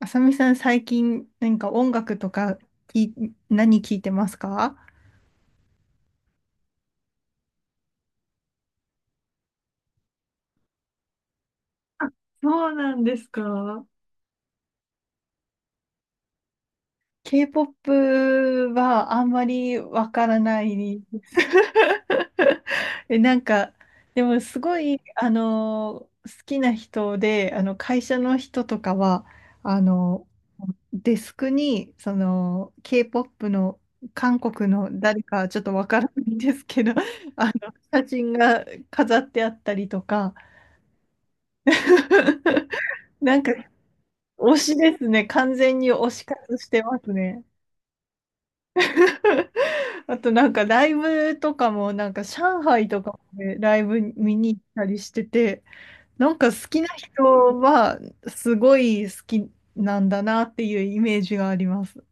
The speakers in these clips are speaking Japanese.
あさみさん、最近何か音楽とか何聞いてますか？そうなんですか。？K-POP はあんまりわからないです。え、なんか、でもすごい、好きな人で、会社の人とかは、あのデスクに、K-POP の韓国の誰かちょっとわからないんですけど、あの、写真が飾ってあったりとか、なんか、推しですね。完全に推し活してますね。あとなんかライブとかもなんか上海とかでライブ見に行ったりしてて、なんか好きな人はすごい好きなんだなっていうイメージがあります。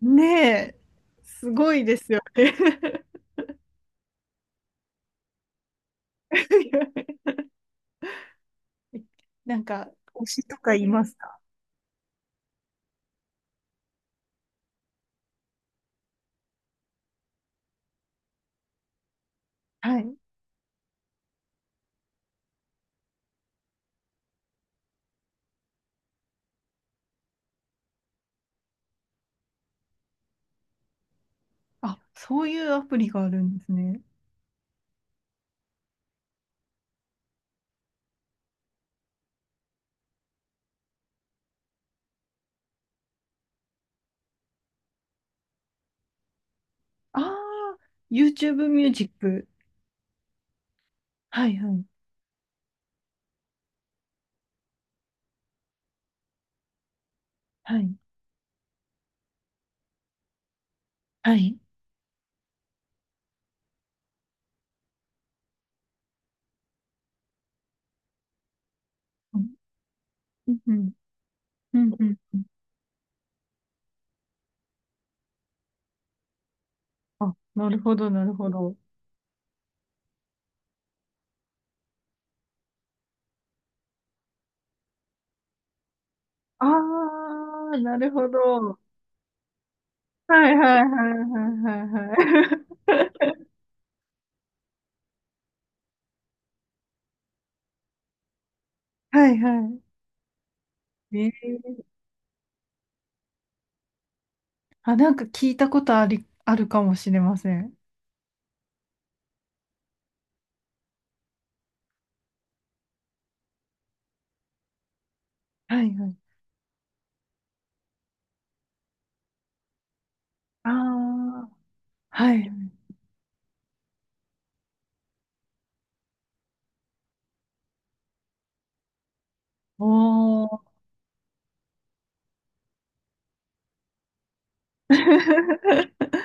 ねえ、すごいですよね。なんか推しとかいますか？はい。あ、そういうアプリがあるんですね。ああ、YouTube ミュージック。はいはい。はい。はい。うん。うん。うん。うん。あ、なるほど、なるほど。ああ、なるほど。はいはいはい。はいはいはい。はいはい。えー、あ、なんか聞いたことあり、あるかもしれません。はいはい。ああ、はい。おお。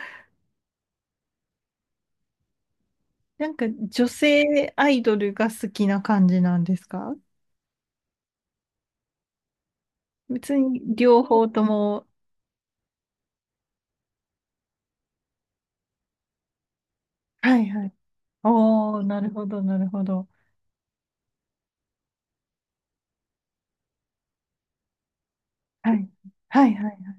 なんか女性アイドルが好きな感じなんですか？別に両方とも。はいはい。おお、なるほど、なるほど。はい。はいはいはい。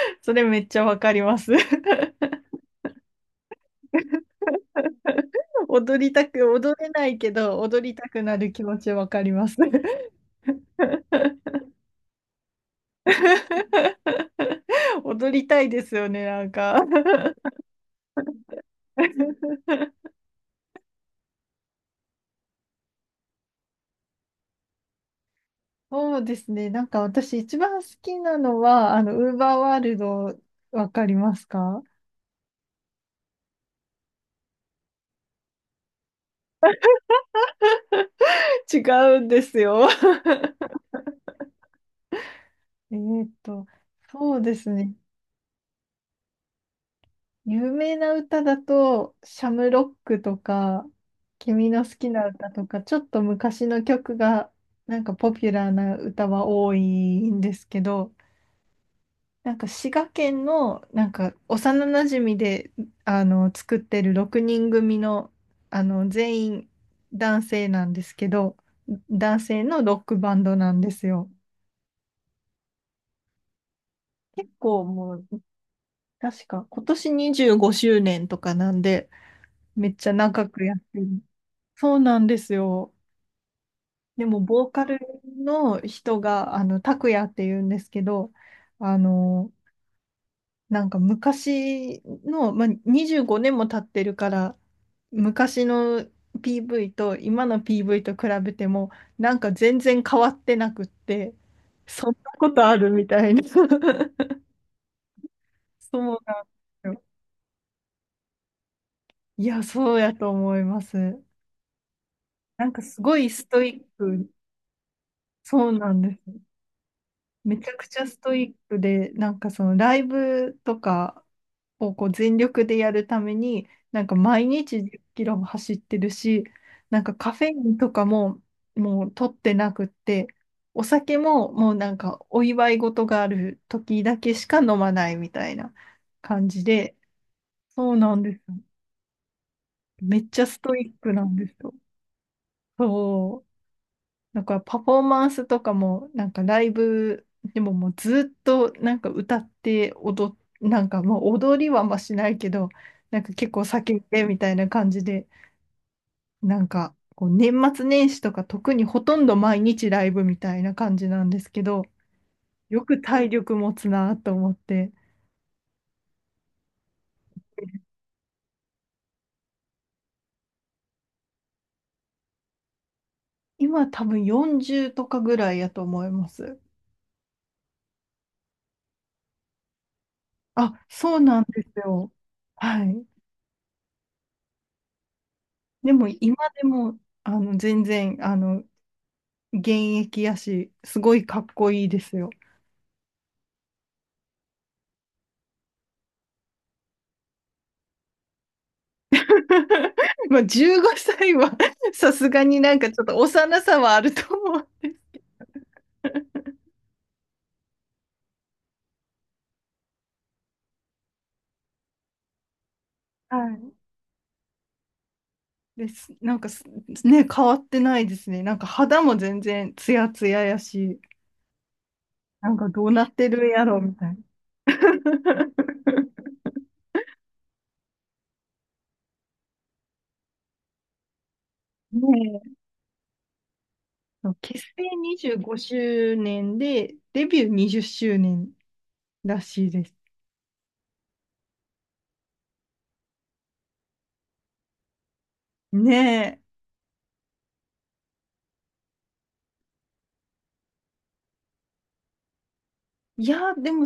それめっちゃわかります。踊りたく、踊れないけど、踊りたくなる気持ちわかります。踊りたいですよね、なんか。そうですね、なんか私一番好きなのは、あの、ウーバーワールド、わかりますか？ 違うんですよ。えーっと、そうですね。有名な歌だと、シャムロックとか、君の好きな歌とか、ちょっと昔の曲が、なんかポピュラーな歌は多いんですけど、なんか滋賀県の、なんか幼なじみで、あの、作ってる6人組の、あの、全員男性なんですけど、男性のロックバンドなんですよ。結構もう、確か今年25周年とかなんで、めっちゃ長くやってる。そうなんですよ。でも、ボーカルの人が、あの、拓也って言うんですけど、あの、なんか昔の、まあ、25年も経ってるから、昔の PV と今の PV と比べても、なんか全然変わってなくって、そんなことあるみたいな。そうなんですよ。いや、そうやと思います。なんかすごいストイック。そうなんです。めちゃくちゃストイックで、なんかそのライブとかをこう全力でやるために、なんか毎日10キロも走ってるし、なんかカフェインとかももう取ってなくって、お酒ももうなんかお祝い事がある時だけしか飲まないみたいな感じで、そうなんですよ。めっちゃストイックなんですよ。そう、だからパフォーマンスとかも、なんかライブでももうずっとなんか歌って踊っ、なんかもう踊りはあんましないけど、なんか結構叫んでみたいな感じで、なんかこう年末年始とか特にほとんど毎日ライブみたいな感じなんですけど、よく体力持つなと思って、今多分40とかぐらいやと思います。あ、そうなんですよ。はい。でも今でも、あの、全然、あの、現役やし、すごいかっこいいですよ。まあ、15歳は さすがになんかちょっと幼さはあると思う。はい。です。ね、変わってないですね。なんか肌も全然ツヤツヤやし、なんかどうなってるんやろみたいな。ねえ、そう、結成25周年で、デビュー20周年らしいです。ねえ。いや、でも、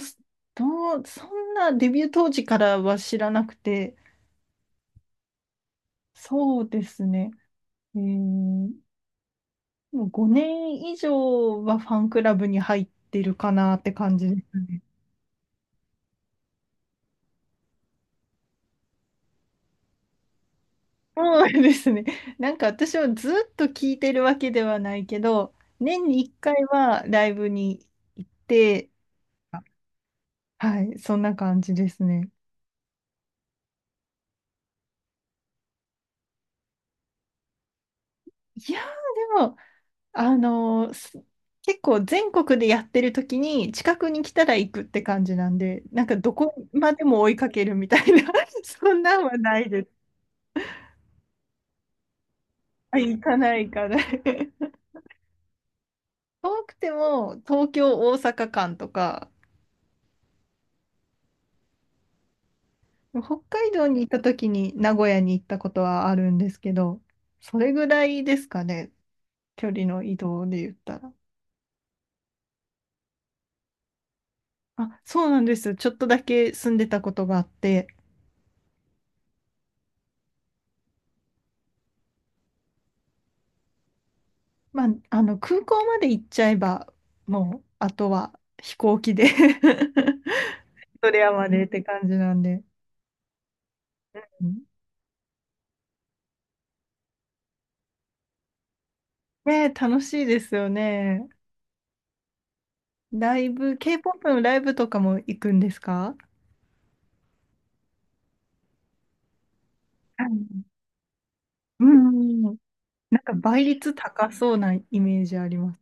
どう、そんなデビュー当時からは知らなくて、そうですね。えー、もう5年以上はファンクラブに入ってるかなって感じですね。そうですね。なんか私はずっと聞いてるわけではないけど、年に1回はライブに行って、はい、そんな感じですね。いやー、でも、あのーす結構全国でやってる時に近くに来たら行くって感じなんで、なんかどこまでも追いかけるみたいな、そんなんはないです。あ、行かない行かない。遠くても東京、大阪間とか、北海道に行った時に名古屋に行ったことはあるんですけど、それぐらいですかね、距離の移動で言ったら。あ、そうなんです。ちょっとだけ住んでたことがあって、まあ、あの空港まで行っちゃえば、もうあとは飛行機で ドレアまでって感じなんで。うん、ねえ、楽しいですよね。ライブ、K-POP のライブとかも行くんですか？はい。うんうん。なんか倍率高そうなイメージあります。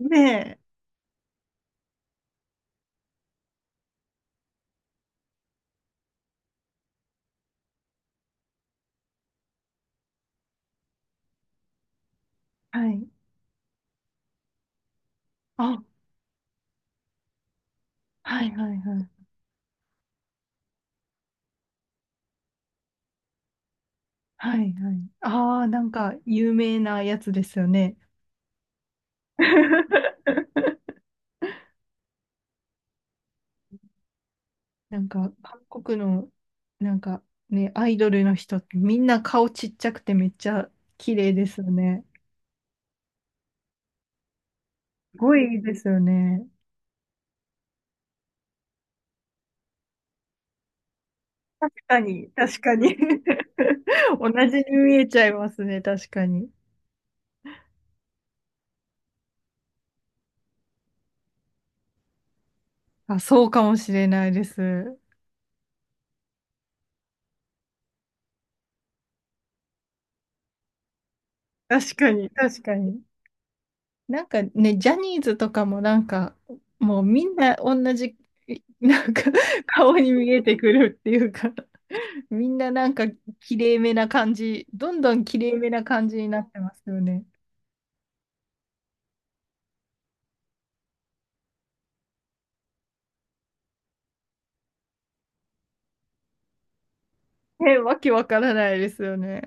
ねえ。はい。あ、はいはいはい。はいはい。ああ、なんか有名なやつですよね。なんか韓国の、なんかね、アイドルの人ってみんな顔ちっちゃくてめっちゃ綺麗ですよね。すごいですよね。確かに、確かに。 同じに見えちゃいますね、確かに。あ、そうかもしれないです。確かに、確かに。なんかね、ジャニーズとかもなんか、もうみんな同じ、なんか 顔に見えてくるっていうか、みんななんか綺麗めな感じ、どんどん綺麗めな感じになってますよね。ね、わけわからないですよね。